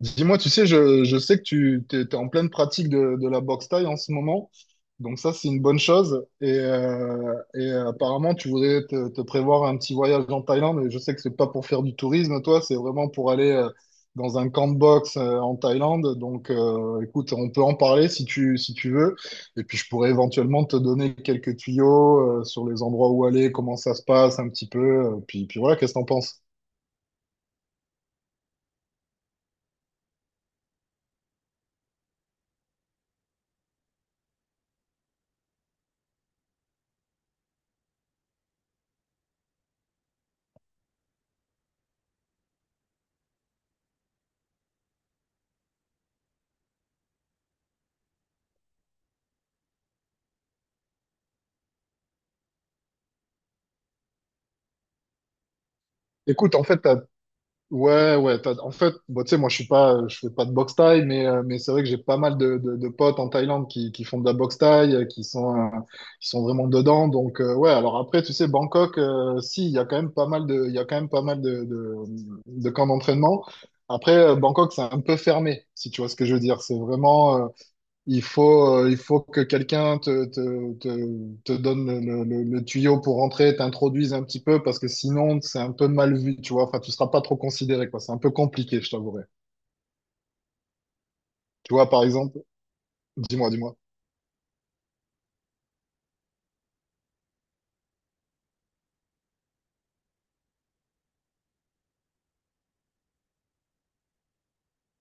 Dis-moi, tu sais, je sais que tu t'es en pleine pratique de la boxe thaï en ce moment, donc ça c'est une bonne chose. Apparemment, tu voudrais te prévoir un petit voyage en Thaïlande. Et je sais que c'est pas pour faire du tourisme, toi, c'est vraiment pour aller dans un camp de boxe en Thaïlande. Écoute, on peut en parler si tu si tu veux. Et puis, je pourrais éventuellement te donner quelques tuyaux sur les endroits où aller, comment ça se passe un petit peu. Puis voilà, qu'est-ce que t'en penses? Écoute, en fait, ouais, ouais. En fait, bah, tu sais, moi, je suis pas, je fais pas de boxe thaï, mais c'est vrai que j'ai pas mal de potes en Thaïlande qui font de la boxe thaï, qui sont vraiment dedans. Ouais. Alors après, tu sais, Bangkok, si, il y a quand même pas mal de camps d'entraînement. Après, Bangkok, c'est un peu fermé, si tu vois ce que je veux dire. C'est vraiment, il faut que quelqu'un te donne le tuyau pour rentrer, t'introduise un petit peu, parce que sinon, c'est un peu mal vu, tu vois. Enfin, tu seras pas trop considéré, quoi. C'est un peu compliqué, je t'avouerai. Tu vois, par exemple, dis-moi.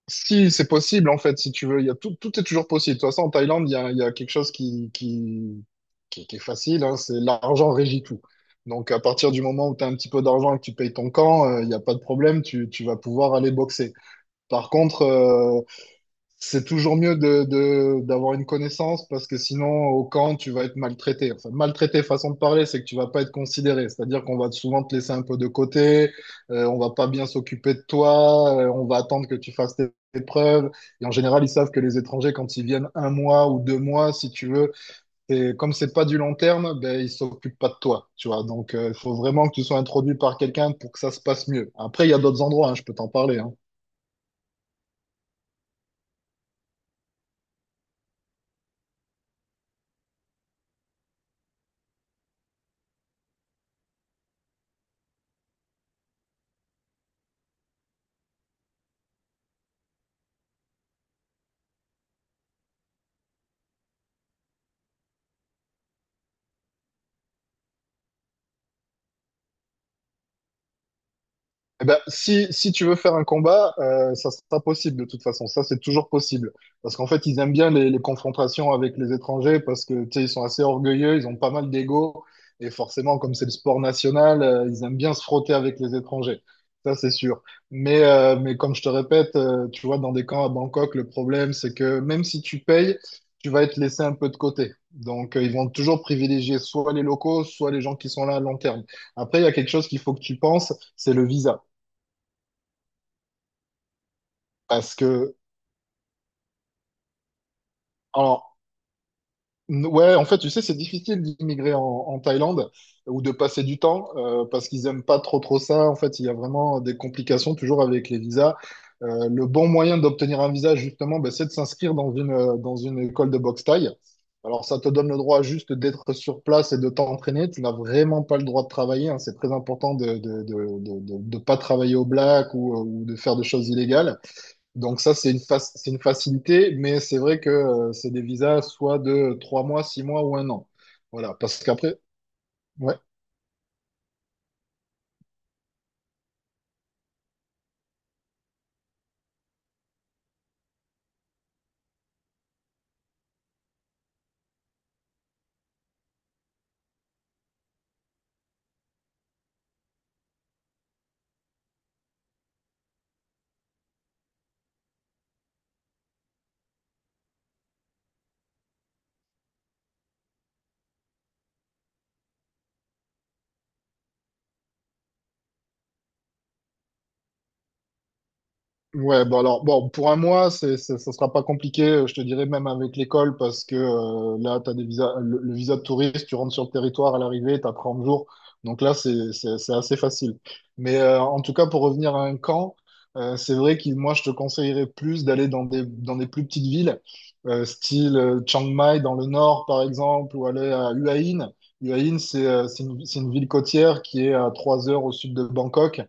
Si, c'est possible, en fait, si tu veux. Il y a tout, tout est toujours possible. De toute façon, en Thaïlande, il y a quelque chose qui est facile, hein, c'est l'argent régit tout. Donc, à partir du moment où tu as un petit peu d'argent et que tu payes ton camp, il n'y a pas de problème, tu vas pouvoir aller boxer. Par contre, c'est toujours mieux d'avoir une connaissance parce que sinon, au camp, tu vas être maltraité. Enfin, maltraité, façon de parler, c'est que tu vas pas être considéré. C'est-à-dire qu'on va souvent te laisser un peu de côté, on va pas bien s'occuper de toi, on va attendre que tu fasses tes preuves. Et en général, ils savent que les étrangers, quand ils viennent un mois ou 2 mois, si tu veux, et comme c'est pas du long terme, ben, ils s'occupent pas de toi, tu vois. Il faut vraiment que tu sois introduit par quelqu'un pour que ça se passe mieux. Après, il y a d'autres endroits, hein, je peux t'en parler, hein. Eh ben, si, si tu veux faire un combat, ça sera possible de toute façon. Ça, c'est toujours possible. Parce qu'en fait, ils aiment bien les confrontations avec les étrangers parce que, tu sais, ils sont assez orgueilleux, ils ont pas mal d'ego. Et forcément, comme c'est le sport national, ils aiment bien se frotter avec les étrangers. Ça, c'est sûr. Mais comme je te répète, tu vois, dans des camps à Bangkok, le problème, c'est que même si tu payes, tu vas être laissé un peu de côté. Ils vont toujours privilégier soit les locaux, soit les gens qui sont là à long terme. Après, il y a quelque chose qu'il faut que tu penses, c'est le visa. Parce que, alors, ouais, en fait, tu sais, c'est difficile d'immigrer en Thaïlande ou de passer du temps parce qu'ils aiment pas trop trop ça. En fait, il y a vraiment des complications toujours avec les visas. Le bon moyen d'obtenir un visa, justement, ben, c'est de s'inscrire dans une école de boxe thaï. Alors, ça te donne le droit juste d'être sur place et de t'entraîner. Tu n'as vraiment pas le droit de travailler, hein. C'est très important de ne de pas travailler au black ou de faire des choses illégales. Donc ça, c'est une facilité, mais c'est vrai que c'est des visas soit de 3 mois, 6 mois ou un an. Voilà, parce qu'après, ouais. Ouais, bah alors, bon, pour un mois, ça sera pas compliqué, je te dirais même avec l'école, parce que là, tu as des visas, le- le visa de touriste, tu rentres sur le territoire à l'arrivée, tu as 30 jours. Donc là, c'est assez facile. En tout cas, pour revenir à un camp, c'est vrai que moi, je te conseillerais plus d'aller dans des plus petites villes, style Chiang Mai dans le nord, par exemple, ou aller à Hua Hin. Hua Hin, c'est une ville côtière qui est à 3 heures au sud de Bangkok.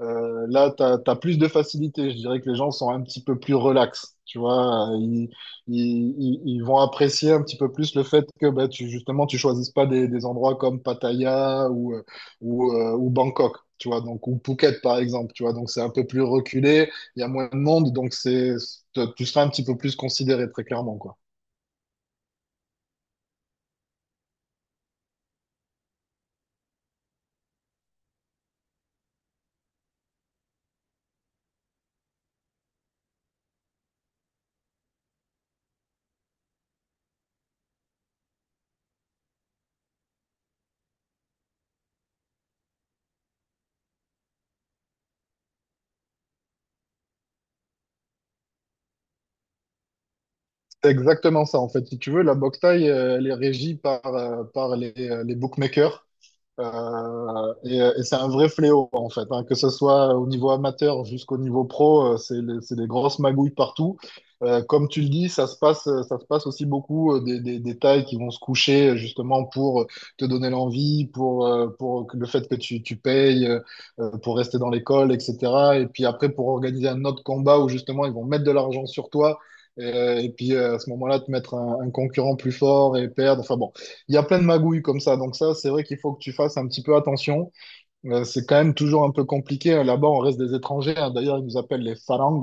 Là, tu as plus de facilité. Je dirais que les gens sont un petit peu plus relax. Tu vois, ils vont apprécier un petit peu plus le fait que bah, justement, tu choisisses pas des, des endroits comme Pattaya ou Bangkok, tu vois, donc, ou Phuket, par exemple, tu vois. Donc, c'est un peu plus reculé, il y a moins de monde, donc tu seras un petit peu plus considéré, très clairement, quoi. C'est exactement ça, en fait. Si tu veux, la boxe thaï, elle est régie par, par les bookmakers. Et c'est un vrai fléau, en fait, hein, que ce soit au niveau amateur jusqu'au niveau pro, c'est des grosses magouilles partout. Comme tu le dis, ça se passe aussi beaucoup des tailles qui vont se coucher justement pour te donner l'envie, le fait que tu payes, pour rester dans l'école, etc. Et puis après, pour organiser un autre combat où justement ils vont mettre de l'argent sur toi. Et, puis À ce moment-là, te mettre un concurrent plus fort et perdre. Enfin bon, il y a plein de magouilles comme ça. Donc ça, c'est vrai qu'il faut que tu fasses un petit peu attention. C'est quand même toujours un peu compliqué. Là-bas, on reste des étrangers, hein. D'ailleurs, ils nous appellent les Farang.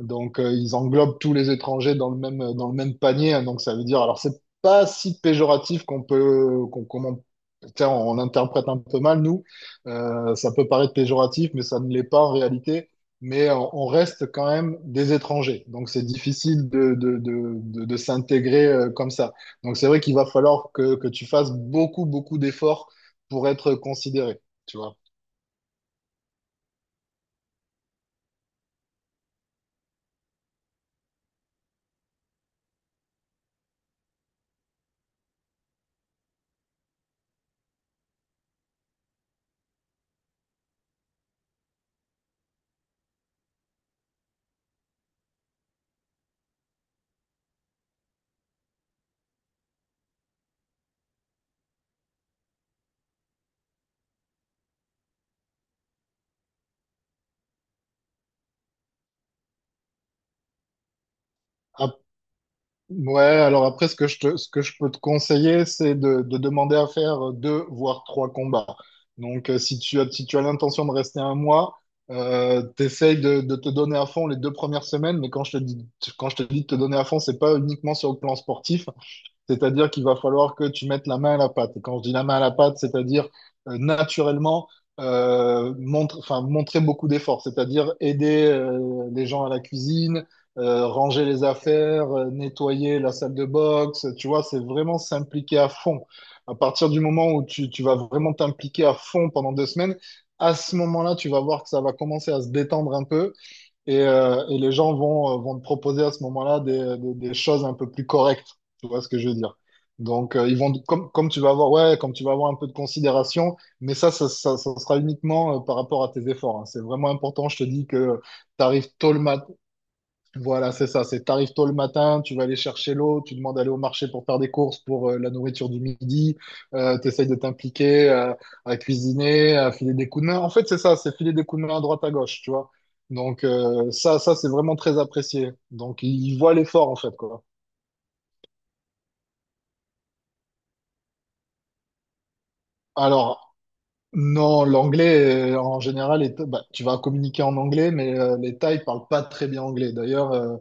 Ils englobent tous les étrangers dans le même panier, hein. Donc, ça veut dire, alors, c'est pas si péjoratif qu'on peut, qu'on, qu'on en- tiens, on l'interprète un peu mal, nous. Ça peut paraître péjoratif, mais ça ne l'est pas en réalité. Mais on reste quand même des étrangers. Donc, c'est difficile de s'intégrer comme ça. Donc, c'est vrai qu'il va falloir que tu fasses beaucoup, beaucoup d'efforts pour être considéré. Tu vois. Ap- ouais, alors après, ce que je peux te conseiller, c'est de demander à faire deux, voire trois combats. Si si tu as l'intention de rester un mois, t'essayes de te donner à fond les deux premières semaines, mais quand je te dis, quand je te dis de te donner à fond, c'est pas uniquement sur le plan sportif, c'est-à-dire qu'il va falloir que tu mettes la main à la pâte. Et quand je dis la main à la pâte, c'est-à-dire naturellement enfin, montrer beaucoup d'efforts, c'est-à-dire aider les gens à la cuisine, ranger les affaires, nettoyer la salle de boxe. Tu vois, c'est vraiment s'impliquer à fond. À partir du moment où tu vas vraiment t'impliquer à fond pendant 2 semaines, à ce moment-là, tu vas voir que ça va commencer à se détendre un peu et les gens vont, vont te proposer à ce moment-là des choses un peu plus correctes. Tu vois ce que je veux dire? Ils vont, comme tu vas avoir, ouais, comme tu vas avoir un peu de considération, mais ça sera uniquement par rapport à tes efforts, hein. C'est vraiment important, je te dis, que tu arrives tôt le matin, voilà, c'est ça. C'est t'arrives tôt le matin, tu vas aller chercher l'eau, tu demandes d'aller au marché pour faire des courses pour la nourriture du midi, t'essayes de t'impliquer à cuisiner, à filer des coups de main. En fait, c'est ça, c'est filer des coups de main à droite à gauche, tu vois. Ça c'est vraiment très apprécié. Donc ils voient l'effort en fait, quoi. Alors non, l'anglais en général, bah, tu vas communiquer en anglais, mais les Thaïs parlent pas très bien anglais. D'ailleurs,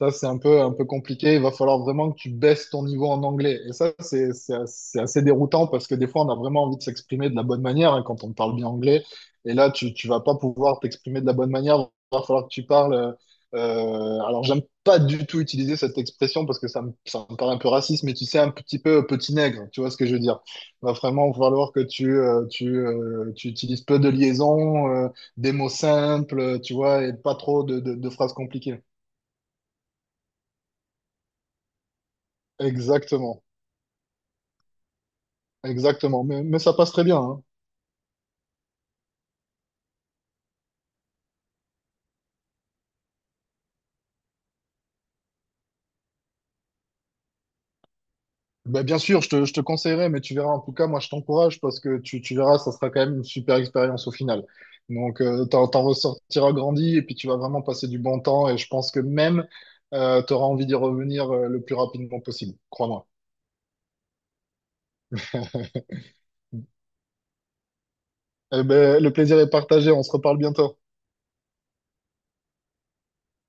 ça c'est un peu compliqué. Il va falloir vraiment que tu baisses ton niveau en anglais. Et ça c'est assez déroutant parce que des fois on a vraiment envie de s'exprimer de la bonne manière, hein, quand on parle bien anglais. Et là tu vas pas pouvoir t'exprimer de la bonne manière. Il va falloir que tu parles. Alors j'aime pas du tout utiliser cette expression parce que ça me paraît un peu raciste, mais tu sais un petit peu petit nègre. Tu vois ce que je veux dire? Va vraiment falloir que tu utilises peu de liaisons, des mots simples, tu vois, et pas trop de phrases compliquées. Exactement, exactement. Mais ça passe très bien, hein. Bah, bien sûr, je te conseillerais, mais tu verras, en tout cas, moi, je t'encourage parce que tu verras, ça sera quand même une super expérience au final. T'en ressortiras grandi et puis tu vas vraiment passer du bon temps et je pense que même, tu auras envie d'y revenir, le plus rapidement possible, crois-moi. Eh ben, le plaisir est partagé, on se reparle bientôt.